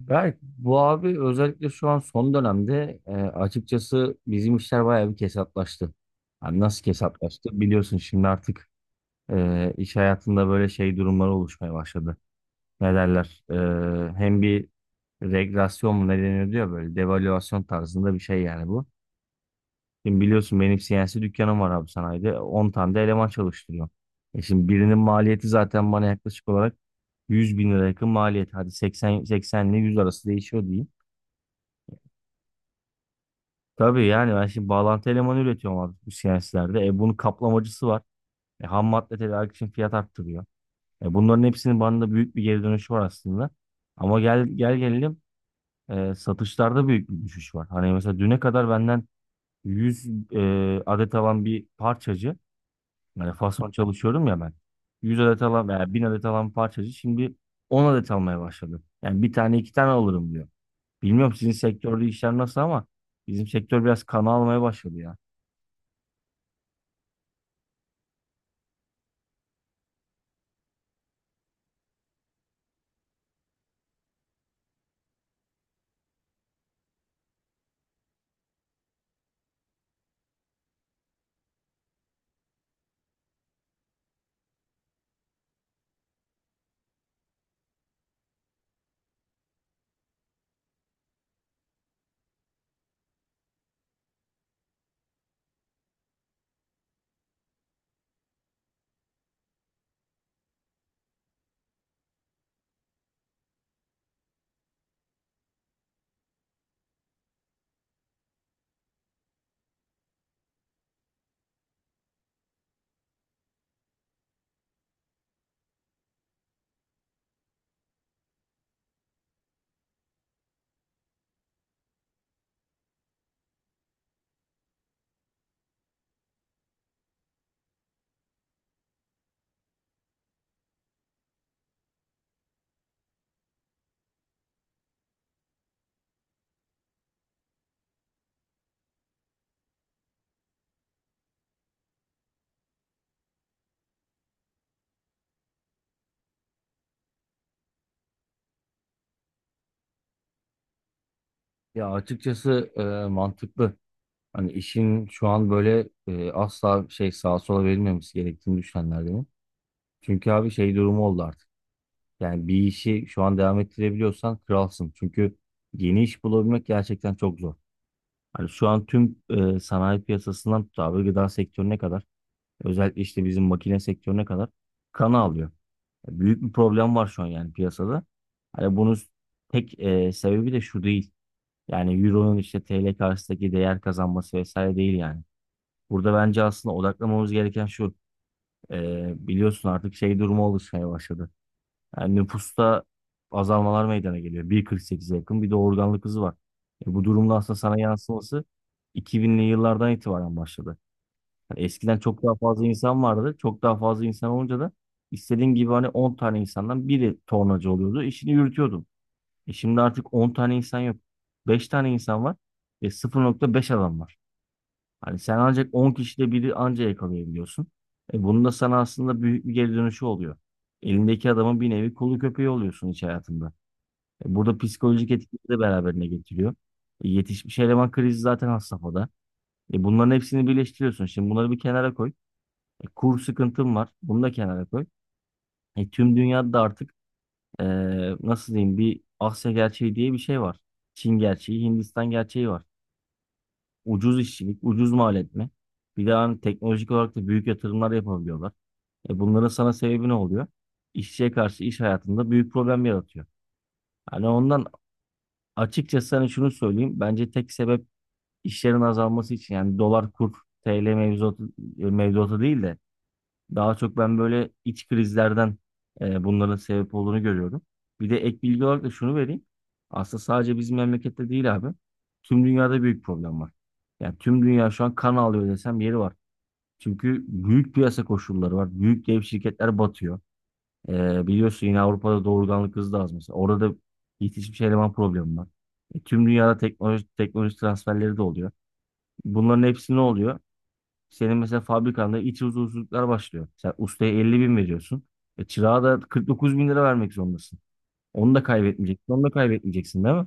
Berk, bu abi özellikle şu an son dönemde açıkçası bizim işler bayağı bir kesatlaştı. Hani nasıl kesatlaştı? Biliyorsun şimdi artık iş hayatında böyle şey durumları oluşmaya başladı. Ne derler? Hem bir regresyon mu ne deniyor diyor böyle devalüasyon tarzında bir şey yani bu. Şimdi biliyorsun benim CNC dükkanım var abi sanayide. 10 tane de eleman çalıştırıyor. Şimdi birinin maliyeti zaten bana yaklaşık olarak 100.000 lira yakın maliyet. Hadi 80 80 ile 100 arası değişiyor diyeyim. Tabii yani ben şimdi bağlantı elemanı üretiyorum abi bu CNC'lerde. Bunun kaplamacısı var. Ham madde tedarik için fiyat arttırıyor. Bunların hepsinin bana da büyük bir geri dönüşü var aslında. Ama gelelim satışlarda büyük bir düşüş var. Hani mesela düne kadar benden 100 adet alan bir parçacı, yani fason çalışıyorum ya ben. 100 adet alan veya 1000 adet alan parçacı şimdi 10 adet almaya başladı. Yani bir tane iki tane alırım diyor. Bilmiyorum sizin sektörde işler nasıl ama bizim sektör biraz kana almaya başladı ya. Ya açıkçası mantıklı. Hani işin şu an böyle asla şey sağa sola verilmemesi gerektiğini düşünenlerdenim. Çünkü abi şey durumu oldu artık. Yani bir işi şu an devam ettirebiliyorsan kralsın. Çünkü yeni iş bulabilmek gerçekten çok zor. Hani şu an tüm sanayi piyasasından tut abi gıda sektörüne kadar özellikle işte bizim makine sektörüne kadar kan alıyor. Büyük bir problem var şu an yani piyasada. Hani bunun tek sebebi de şu değil. Yani Euro'nun işte TL karşısındaki değer kazanması vesaire değil yani. Burada bence aslında odaklamamız gereken şu. Biliyorsun artık şey durumu oluşmaya başladı. Yani nüfusta azalmalar meydana geliyor. 1,48'e yakın bir de organlık hızı var. Bu durumda aslında sana yansıması 2000'li yıllardan itibaren başladı. Yani eskiden çok daha fazla insan vardı. Çok daha fazla insan olunca da istediğin gibi hani 10 tane insandan biri tornacı oluyordu. İşini yürütüyordu. Şimdi artık 10 tane insan yok. Beş tane insan var ve 0,5 adam var. Hani sen ancak 10 kişide biri anca yakalayabiliyorsun. Bunun da sana aslında büyük bir geri dönüşü oluyor. Elindeki adamın bir nevi kolu köpeği oluyorsun iş hayatında. Burada psikolojik etkileri de beraberine getiriyor. Yetişmiş eleman krizi zaten has safhada. Bunların hepsini birleştiriyorsun. Şimdi bunları bir kenara koy. Kur sıkıntın var. Bunu da kenara koy. Tüm dünyada da artık e, nasıl diyeyim bir Asya gerçeği diye bir şey var. Çin gerçeği, Hindistan gerçeği var. Ucuz işçilik, ucuz mal etme. Bir de hani teknolojik olarak da büyük yatırımlar yapabiliyorlar. Bunların sana sebebi ne oluyor? İşçiye karşı iş hayatında büyük problem yaratıyor. Hani ondan açıkçası sana şunu söyleyeyim. Bence tek sebep işlerin azalması için yani dolar kur TL mevzuatı, mevzuatı değil de daha çok ben böyle iç krizlerden bunların sebep olduğunu görüyorum. Bir de ek bilgi olarak da şunu vereyim. Aslında sadece bizim memlekette değil abi. Tüm dünyada büyük problem var. Yani tüm dünya şu an kan ağlıyor desem yeri var. Çünkü büyük piyasa koşulları var. Büyük dev şirketler batıyor. Biliyorsun yine Avrupa'da doğurganlık hızı da az mesela. Orada da yetişmiş eleman problemi var. Tüm dünyada teknoloji, teknoloji transferleri de oluyor. Bunların hepsi ne oluyor? Senin mesela fabrikanda iç huzursuzluklar başlıyor. Sen ustaya 50 bin veriyorsun. Çırağa da 49 bin lira vermek zorundasın. Onu da kaybetmeyeceksin. Onu da kaybetmeyeceksin değil mi?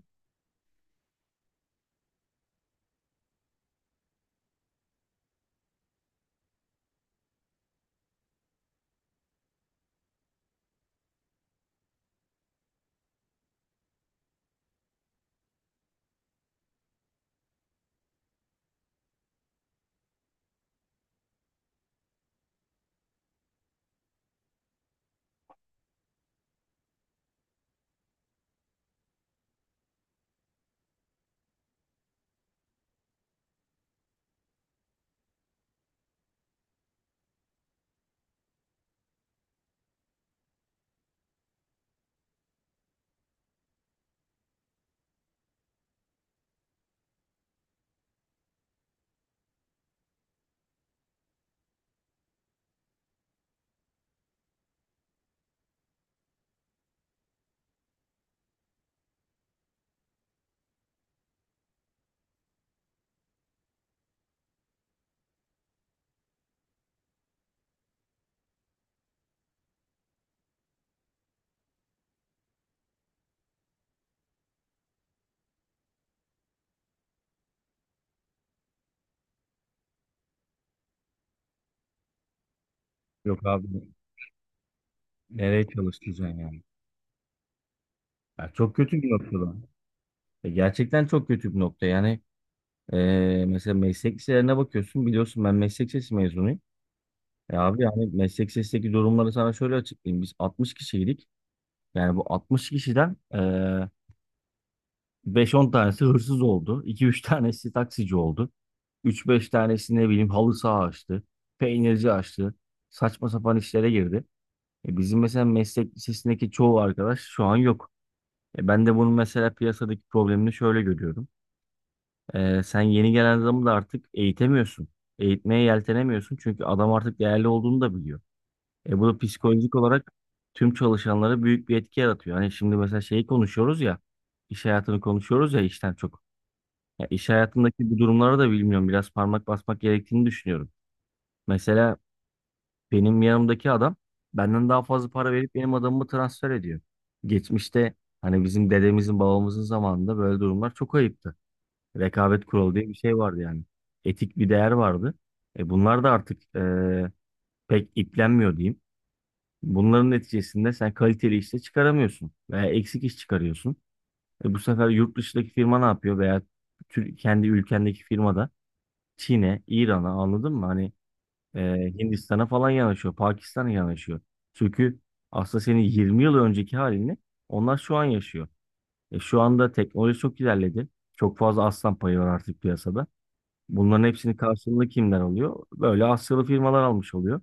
Yok abi nereye çalıştıracaksın yani? Ya çok kötü bir noktada. Gerçekten çok kötü bir nokta. Yani e, mesela meslek liselerine bakıyorsun. Biliyorsun ben meslek lisesi mezunuyum. Abi yani meslek lisesindeki durumları sana şöyle açıklayayım. Biz 60 kişiydik. Yani bu 60 kişiden beş on tanesi hırsız oldu. İki üç tanesi taksici oldu. Üç beş tanesi ne bileyim halı saha açtı. Peynirci açtı. Saçma sapan işlere girdi. Bizim mesela meslek lisesindeki çoğu arkadaş şu an yok. Ben de bunun mesela piyasadaki problemini şöyle görüyorum. Sen yeni gelen adamı da artık eğitemiyorsun. Eğitmeye yeltenemiyorsun çünkü adam artık değerli olduğunu da biliyor. Bu da psikolojik olarak tüm çalışanlara büyük bir etki yaratıyor. Hani şimdi mesela şeyi konuşuyoruz ya, iş hayatını konuşuyoruz ya işten çok. Ya iş hayatındaki bu durumları da bilmiyorum. Biraz parmak basmak gerektiğini düşünüyorum. Mesela benim yanımdaki adam benden daha fazla para verip benim adamımı transfer ediyor. Geçmişte hani bizim dedemizin babamızın zamanında böyle durumlar çok ayıptı. Rekabet kuralı diye bir şey vardı yani. Etik bir değer vardı. Bunlar da artık pek iplenmiyor diyeyim. Bunların neticesinde sen kaliteli işte çıkaramıyorsun veya eksik iş çıkarıyorsun. Bu sefer yurt dışındaki firma ne yapıyor veya kendi ülkendeki firmada Çin'e, İran'a anladın mı? Hani e, Hindistan'a falan yanaşıyor, Pakistan'a yanaşıyor. Çünkü aslında senin 20 yıl önceki halini onlar şu an yaşıyor. Şu anda teknoloji çok ilerledi. Çok fazla aslan payı var artık piyasada. Bunların hepsini karşılığında kimler alıyor? Böyle Asyalı firmalar almış oluyor.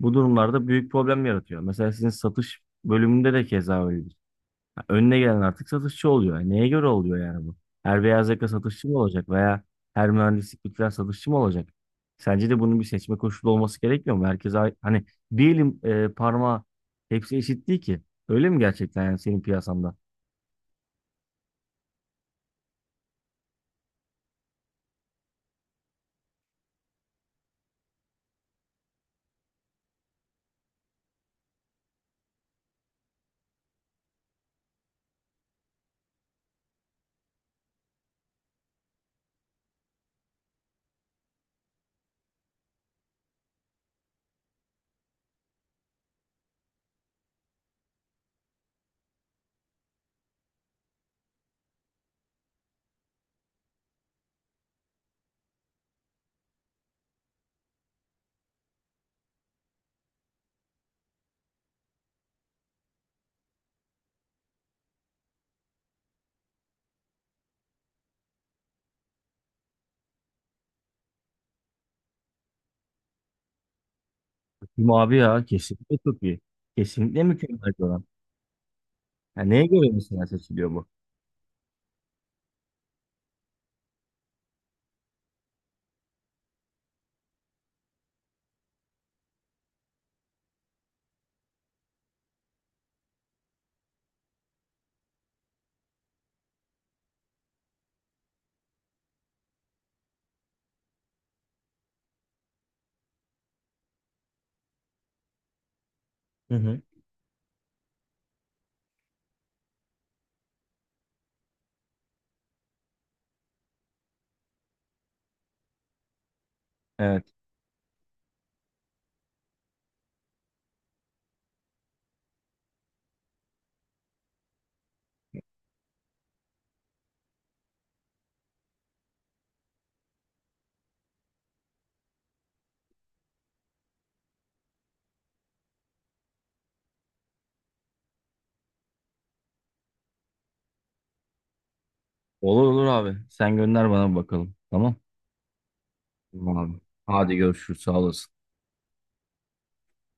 Bu durumlarda büyük problem yaratıyor. Mesela sizin satış bölümünde de keza öyle önüne gelen artık satışçı oluyor. Yani neye göre oluyor yani bu? Her beyaz yaka satışçı mı olacak veya her mühendislik bitiren satışçı mı olacak? Sence de bunun bir seçme koşulu olması gerekmiyor mu? Herkese hani bir elin parmağı hepsi eşit değil ki. Öyle mi gerçekten yani senin piyasanda? Kim abi ya kesinlikle çok iyi. Kesinlikle mükemmel bir oran. Yani neye göre mesela seçiliyor bu? Hı hı. Evet. Olur olur abi. Sen gönder bana bakalım. Tamam. Tamam abi. Hadi görüşürüz. Sağ olasın.